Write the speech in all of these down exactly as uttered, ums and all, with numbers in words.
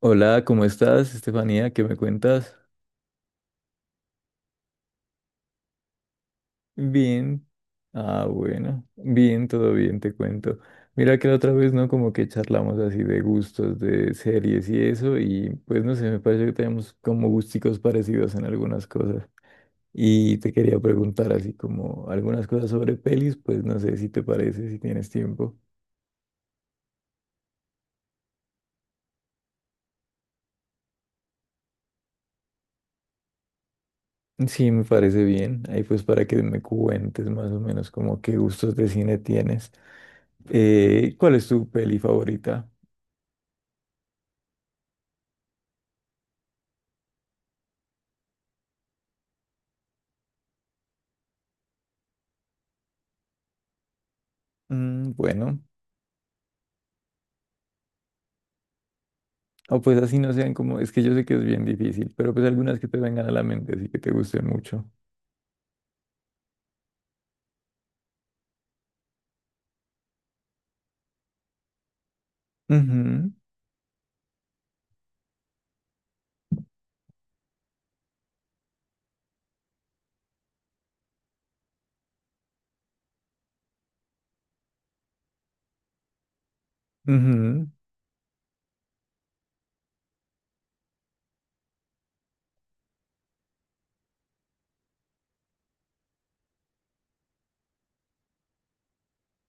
Hola, ¿cómo estás, Estefanía? ¿Qué me cuentas? Bien. Ah, bueno. Bien, todo bien, te cuento. Mira que la otra vez, ¿no? Como que charlamos así de gustos, de series y eso, y pues no sé, me parece que tenemos como gusticos parecidos en algunas cosas. Y te quería preguntar así como algunas cosas sobre pelis, pues no sé si te parece, si tienes tiempo. Sí, me parece bien. Ahí pues para que me cuentes más o menos como qué gustos de cine tienes. Eh, ¿cuál es tu peli favorita? Mm, bueno, o pues así no sean como, es que yo sé que es bien difícil, pero pues algunas que te vengan a la mente, así que te gusten mucho. Ujú, ujú.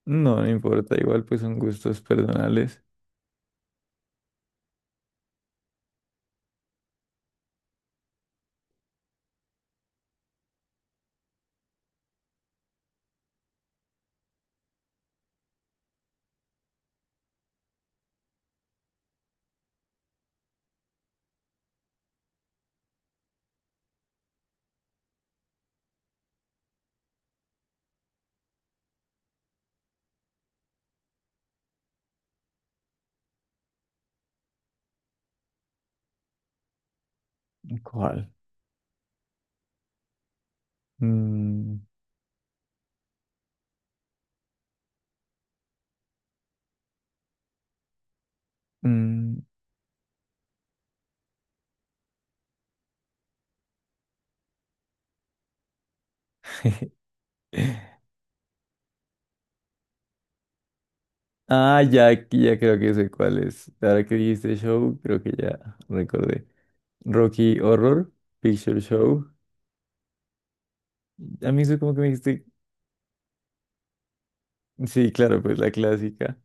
No, no importa, igual pues son gustos personales. ¿Cuál? Mm, mm. Ah, ya, ya creo que sé cuál es. Ahora que dijiste show, creo que ya recordé. Rocky Horror Picture Show. A mí eso como que me dijiste, sí, claro, pues la clásica.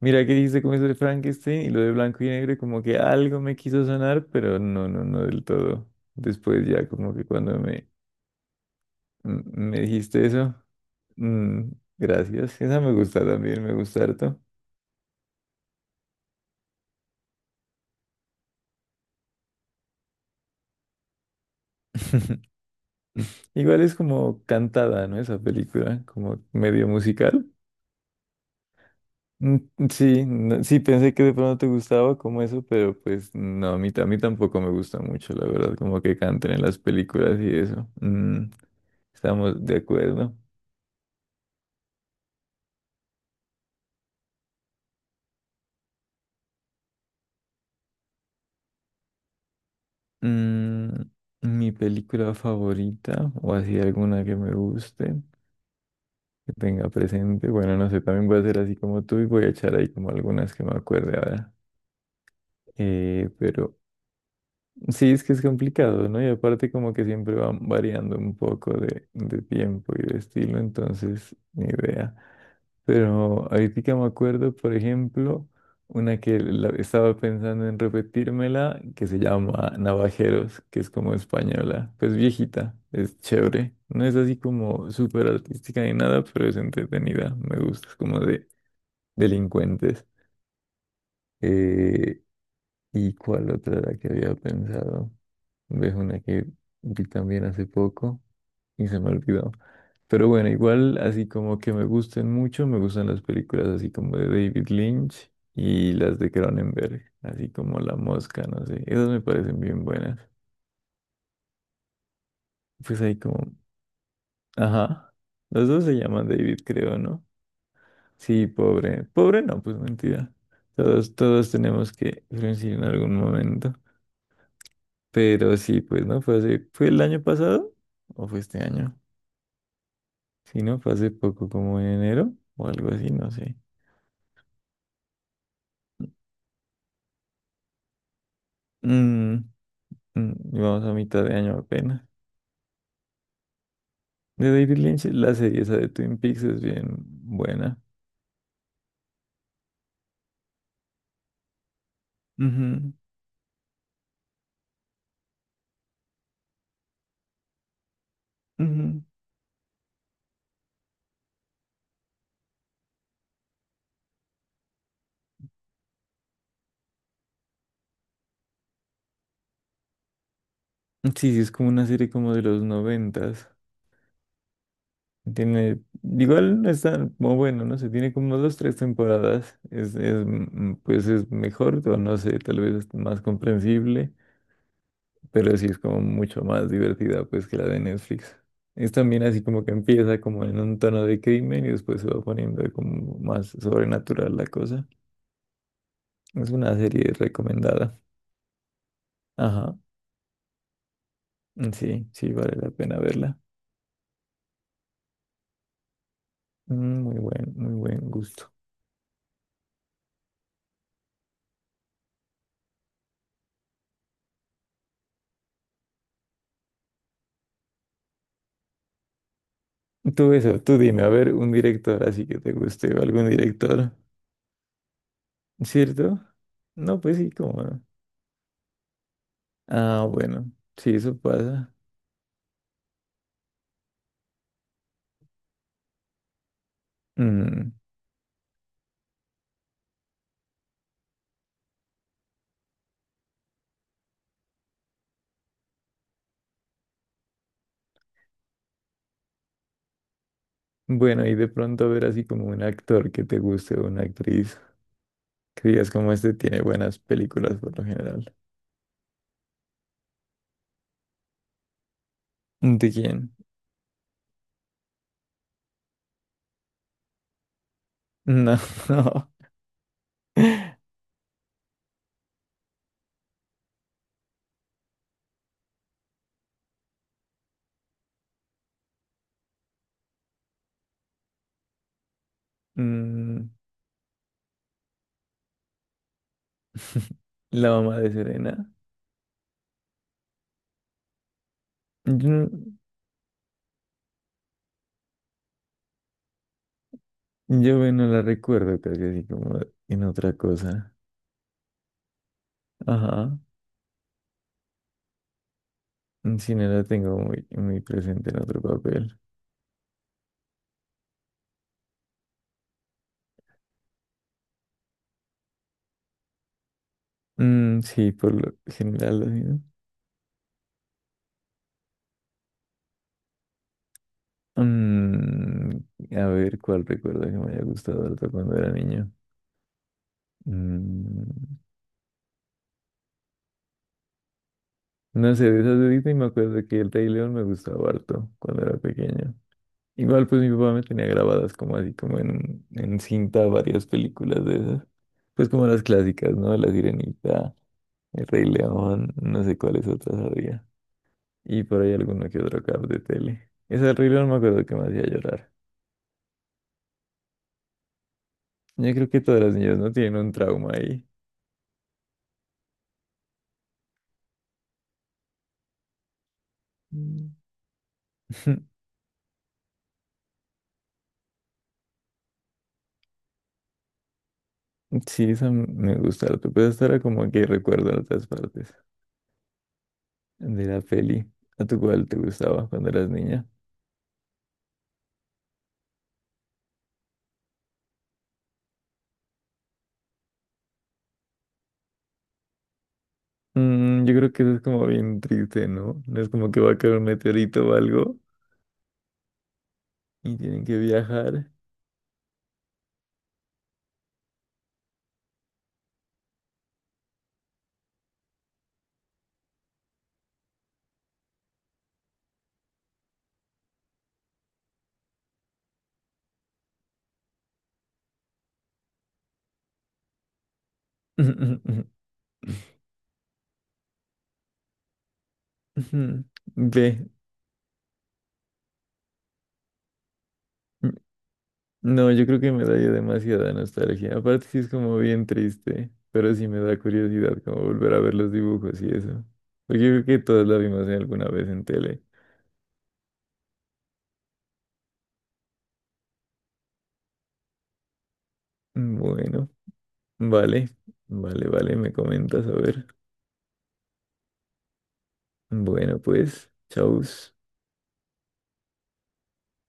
Mira que dijiste como eso de Frankenstein y lo de blanco y negro, y como que algo me quiso sonar, pero no, no, no del todo. Después ya como que cuando me, m- me dijiste eso, mm, gracias. Esa me gusta también, me gusta harto. Igual es como cantada, ¿no? Esa película, como medio musical. Mm, sí, no- sí, pensé que de pronto te gustaba como eso, pero pues no, a mí, ta- a mí tampoco me gusta mucho, la verdad, como que canten en las películas y eso. Mm, estamos de acuerdo. Mm, mi película favorita, o así alguna que me guste, que tenga presente, bueno, no sé, también voy a hacer así como tú y voy a echar ahí como algunas que me acuerde ahora. Eh, pero sí, es que es complicado, ¿no? Y aparte como que siempre van variando un poco de, de tiempo y de estilo, entonces ni idea. Pero ahorita me acuerdo, por ejemplo, una que la- estaba pensando en repetírmela, que se llama Navajeros, que es como española, pues viejita, es chévere. No es así como súper artística ni nada, pero es entretenida, me gusta, es como de delincuentes. Eh, ¿y cuál otra era que había pensado? Ves una que vi también hace poco y se me olvidó. Pero bueno, igual así como que me gusten mucho, me gustan las películas así como de David Lynch y las de Cronenberg, así como La Mosca, no sé, esas me parecen bien buenas. Pues ahí como, ajá, los dos se llaman David, creo, ¿no? Sí, pobre, pobre no, pues mentira. Todos, todos tenemos que coincidir en algún momento. Pero sí, pues no, fue hace, ¿fue el año pasado o fue este año? Si no, fue hace poco, como en enero o algo así, no sé. Mm, mm, y vamos a mitad de año apenas. De David Lynch, la serie esa de Twin Peaks es bien buena. Ujú, ujú. Sí, sí, es como una serie como de los noventas. Tiene, igual no es tan como bueno, no sé, tiene como dos, tres temporadas. Es, es, mm, pues es mejor, o no sé, tal vez es más comprensible. Pero sí es como mucho más divertida pues que la de Netflix. Es también así como que empieza como en un tono de crimen y después se va poniendo como más sobrenatural la cosa. Es una serie recomendada. Ajá, sí, sí, vale la pena verla. Mm, muy buen, muy buen gusto. Tú eso, tú dime, a ver, un director así que te guste o algún director, ¿cierto? No, pues sí, como... Ah, bueno, sí, eso pasa. Mm, bueno, y de pronto ver así como un actor que te guste o una actriz, que digas como este tiene buenas películas por lo general. ¿De quién? No, no. Mm, la mamá de Serena. Yo, no- yo bueno, la recuerdo casi así como en otra cosa. Ajá. Si no la tengo muy, muy presente en otro papel. Mm, sí, por lo general así, ¿no? Mm, a ver cuál recuerdo que me haya gustado harto cuando era niño. Mm, no sé, de esas de Disney me acuerdo que el Rey León me gustaba harto cuando era pequeño. Igual pues mi papá me tenía grabadas como así, como en, en cinta varias películas de esas. Pues como las clásicas, ¿no? La Sirenita, El Rey León, no sé cuáles otras había. Y por ahí alguno que otro cap de tele. Esa del Rey León me acuerdo que me hacía llorar. Yo creo que todas las niñas no tienen un trauma ahí. Mm. Sí, esa me gusta harto, pero esta era como que recuerdo en otras partes de la peli. ¿A tu cuál te gustaba cuando eras niña? Mm, yo creo que eso es como bien triste, ¿no? No es como que va a caer un meteorito o algo y tienen que viajar. Ve. No, yo creo que me da ya demasiada nostalgia. Aparte sí es como bien triste, pero sí me da curiosidad como volver a ver los dibujos y eso. Porque yo creo que todos la vimos en alguna vez en tele. Bueno, vale, vale, vale, me comentas, a ver. Bueno, pues, chau.